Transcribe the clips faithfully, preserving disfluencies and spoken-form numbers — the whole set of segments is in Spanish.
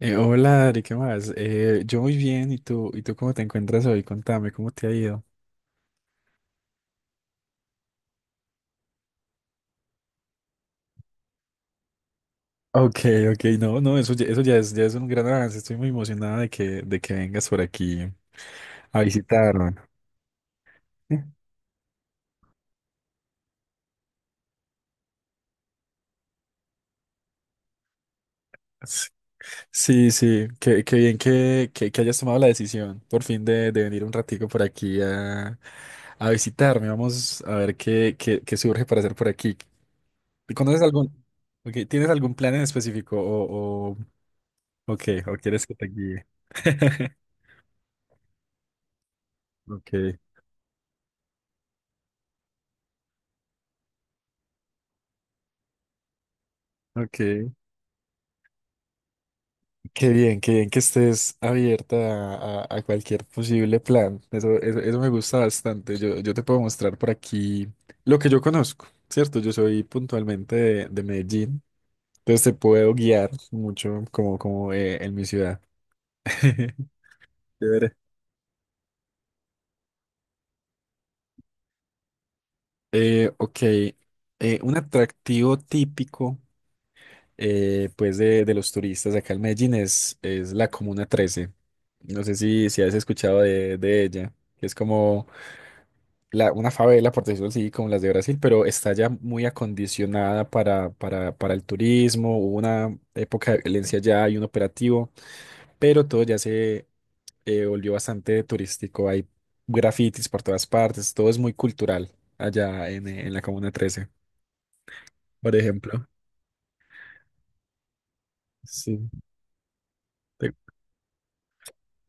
Eh, hola Ari, ¿qué más? Eh, yo muy bien, ¿y tú? ¿Y tú cómo te encuentras hoy? Contame, ¿cómo te ha ido? Ok, ok, no, no, eso ya, eso ya es, ya es un gran avance. Estoy muy emocionada de que, de que vengas por aquí a visitarme. Sí, sí, sí, qué, qué bien que, que, que hayas tomado la decisión por fin de, de venir un ratico por aquí a, a visitarme. Vamos a ver qué, qué, qué surge para hacer por aquí. ¿Conoces algún, ok, ¿tienes algún plan en específico o, o, ok, o quieres que te guíe? Ok, ok. Qué bien, qué bien que estés abierta a, a- a cualquier posible plan. Eso, eso, eso me gusta bastante. Yo, yo te puedo mostrar por aquí lo que yo conozco, ¿cierto? Yo soy puntualmente de, de Medellín, entonces te puedo guiar mucho como, como eh, en mi ciudad. Chévere. Eh, ok, eh, un atractivo típico eh, pues de, de los turistas acá en Medellín es, es la Comuna Trece. No sé si, si has escuchado de, de ella, que es como. La- una favela, por decirlo así, como las de Brasil, pero está ya muy acondicionada para, para, para el turismo. Hubo una época de violencia ya y un operativo, pero todo ya se eh, volvió bastante turístico. Hay grafitis por todas partes, todo es muy cultural allá en, eh, en la Comuna trece, por ejemplo. Sí. Te-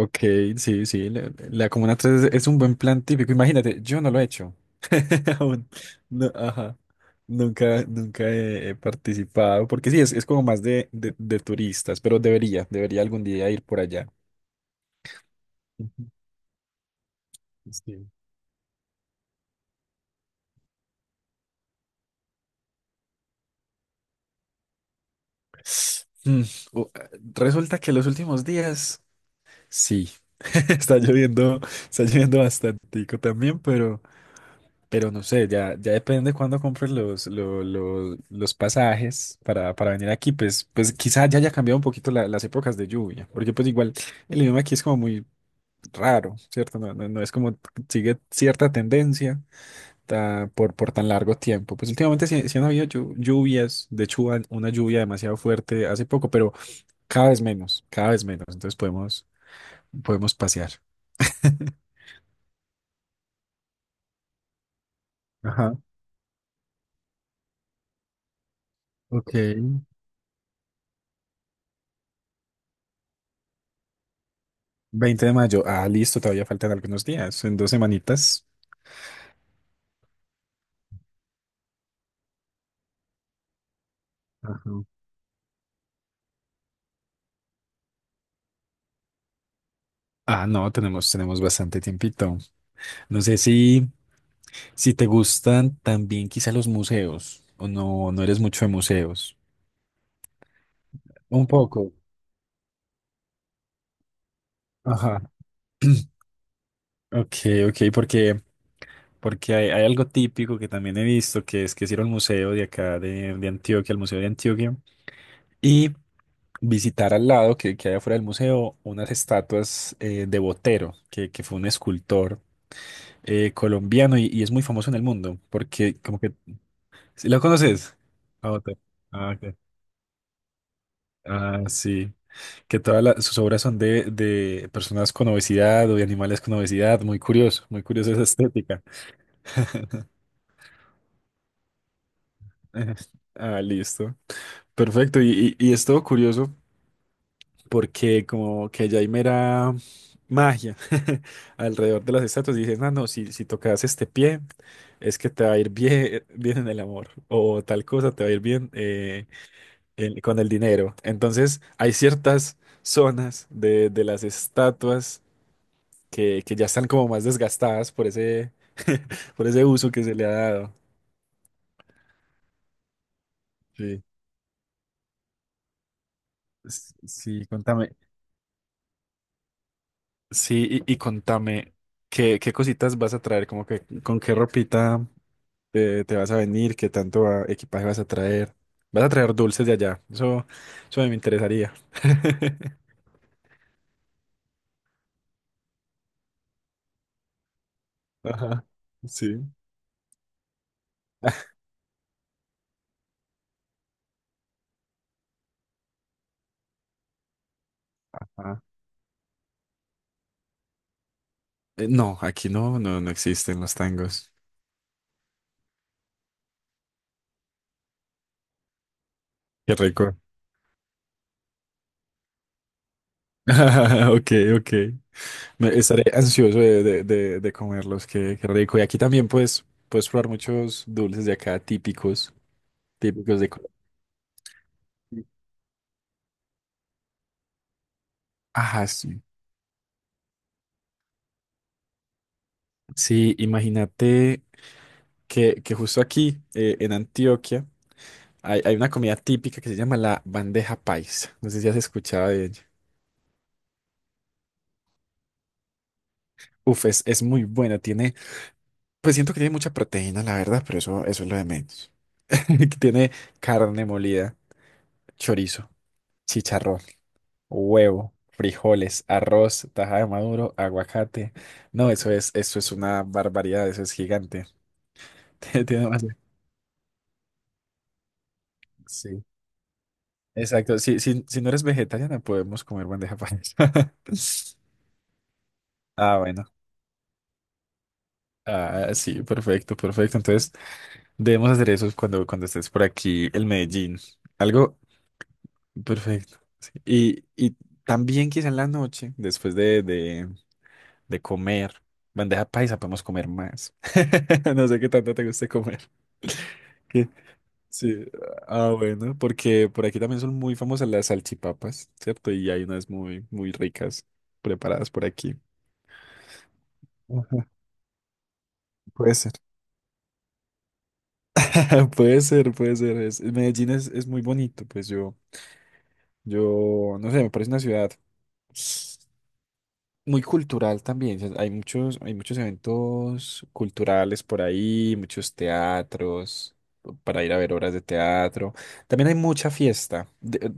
Ok, sí, sí, la, la Comuna trece es un buen plan típico. Imagínate, yo no lo he hecho. Aún no, ajá. Nunca, nunca he, he participado, porque sí, es, es como más de, de, de turistas, pero debería, debería algún día ir por allá. Ujú, sí. Mm, o- Resulta que los últimos días, sí, está lloviendo, está lloviendo bastantico también, pero, pero no sé, ya, ya depende de cuándo compres los, lo- lo- los pasajes para, para venir aquí, pues, pues quizá ya haya cambiado un poquito la- las épocas de lluvia, porque pues igual el idioma aquí es como muy raro, ¿cierto? No, no, no es como sigue cierta tendencia ta- por, por tan largo tiempo. Pues últimamente sí, sí han habido llu- lluvias. De hecho, hubo una lluvia demasiado fuerte hace poco, pero cada vez menos, cada vez menos. Entonces podemos, podemos pasear. Ajá, ok. Veinte de mayo, ah, listo, todavía faltan algunos días, en dos semanitas. Ajá. Ah, no, tenemos, tenemos bastante tiempito. No sé si, si te gustan también quizá los museos, o no, no eres mucho de museos. Un poco. Ajá. Ok, ok, porque, porque hay, hay algo típico que también he visto, que es que es ir al museo de acá de, de Antioquia, al Museo de Antioquia, y visitar al lado que, que hay afuera del museo unas estatuas eh, de Botero, que, que fue un escultor eh, colombiano, y, y es muy famoso en el mundo, porque como que. ¿Sí? ¿Lo conoces? A Botero. Ah, ok. Ah, sí. Que todas las- sus obras son de, de personas con obesidad o de animales con obesidad. Muy curioso, muy curiosa esa estética. Ah, listo. Perfecto, y, y, y es todo curioso porque como que ya hay mera magia alrededor de las estatuas. Y dices, no, no, si, si tocas este pie, es que te va a ir bien, bien en el amor, o tal cosa, te va a ir bien eh, en- con el dinero. Entonces hay ciertas zonas de, de las estatuas que, que ya están como más desgastadas por ese, por ese uso que se le ha dado. Sí. S- Sí, contame. Sí, y, y contame, ¿qué, qué cositas vas a traer. Como que con qué ropita eh, te vas a venir, qué tanto ah, equipaje vas a traer. Vas a traer dulces de allá. Eso, eso me interesaría. Ajá, sí. Ah, eh, no, aquí no, no, no existen los tangos. Qué rico. Ok, ok. Me- estaré ansioso de, de, de- de comerlos, qué, qué rico. Y aquí también puedes, puedes probar muchos dulces de acá típicos, típicos de Colombia. Ajá, sí. Sí, imagínate que, que justo aquí eh, en Antioquia hay, hay una comida típica que se llama la bandeja paisa. No sé si has escuchado de ella. Uf, es, es muy buena. Tiene, pues siento que tiene mucha proteína, la verdad, pero eso, eso es lo de menos. Tiene carne molida, chorizo, chicharrón, huevo, frijoles, arroz, taja de maduro, aguacate. No, eso es, eso es una barbaridad, eso es gigante. Tiene más. Sí. Exacto, si, si, si no eres vegetariana, podemos comer bandeja paisa. Ah, bueno. Ah, sí, perfecto, perfecto. Entonces, debemos hacer eso cuando, cuando estés por aquí, el Medellín. Algo perfecto. Y, y también quizá en la noche, después de, de, de comer bandeja paisa, podemos comer más. No sé qué tanto te guste comer. ¿Qué? Sí. Ah, bueno, porque por aquí también son muy famosas las salchipapas, ¿cierto? Y hay unas muy, muy ricas preparadas por aquí. Ajá, puede ser. Puede ser, puede ser. es- Medellín es, es muy bonito. Pues, yo, yo, no sé, me parece una ciudad muy cultural también. O sea, Hay muchos, hay muchos eventos culturales por ahí, muchos teatros para ir a ver obras de teatro. También hay mucha fiesta. de- eh,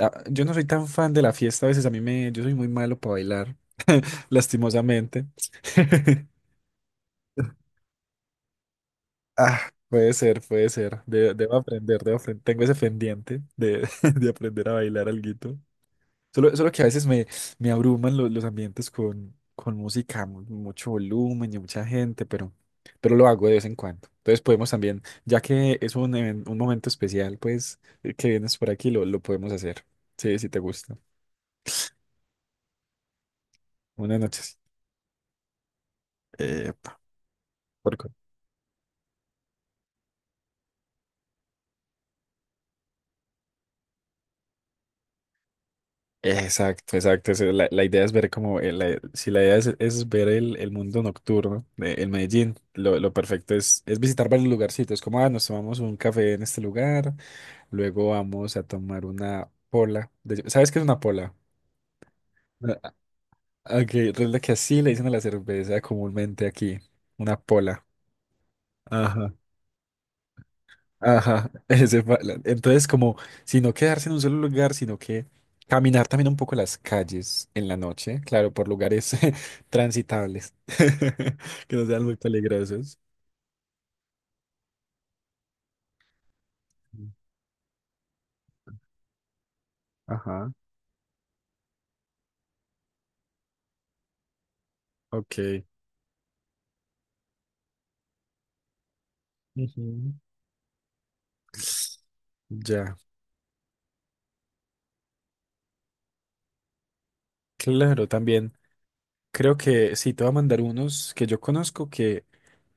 ah, yo no soy tan fan de la fiesta. A veces, a mí me, yo soy muy malo para bailar, lastimosamente. Ah, puede ser, puede ser. De- debo aprender, debo aprender. Tengo ese pendiente de, de aprender a bailar alguito. Solo, solo que a veces me, me abruman lo- los ambientes con, con música, mu- mucho volumen y mucha gente, pero, pero lo hago de vez en cuando. Entonces podemos también, ya que es un, even- un momento especial, pues, eh, que vienes por aquí, lo, lo podemos hacer. Sí, si te gusta. Buenas noches. Epa, por Exacto, exacto. esa es La, la idea es ver como, el- la- Si la idea es, es ver el, el mundo nocturno, de, el Medellín, lo, lo perfecto es, es visitar varios lugarcitos, como, ah, nos tomamos un café en este lugar, luego vamos a tomar una pola. De- ¿sabes qué es una pola? Ah, ah, Ok, es la que así le dicen a la cerveza comúnmente aquí, una pola. Ajá, ese fue entonces como si no quedarse en un solo lugar, sino que caminar también un poco las calles en la noche, claro, por lugares transitables, que no sean muy peligrosos. Ajá, ok. Ujú. Ya, claro, también creo que sí, te voy a mandar unos que yo conozco que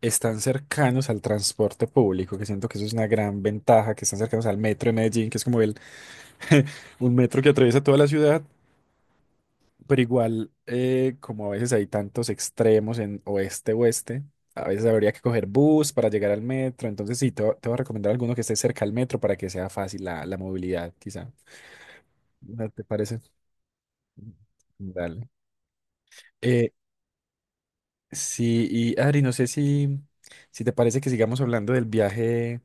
están cercanos al transporte público, que siento que eso es una gran ventaja, que están cercanos al metro de Medellín, que es como el, un metro que atraviesa toda la ciudad. Pero igual, eh, como a veces hay tantos extremos en oeste-oeste, a veces habría que coger bus para llegar al metro. Entonces, sí, te, va- te voy a recomendar alguno que esté cerca al metro para que sea fácil la, la movilidad, quizá. ¿No te parece? Dale. Eh, sí, y Adri, no sé si, si te parece que sigamos hablando del viaje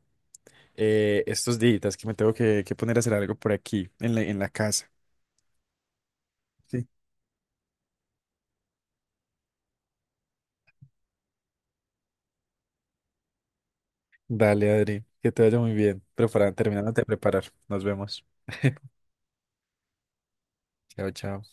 eh, estos días, que me tengo que, que poner a hacer algo por aquí, en la, en la casa. Sí. Dale, Adri, que te vaya muy bien. Pero para terminando te preparar, nos vemos. Chao, chao.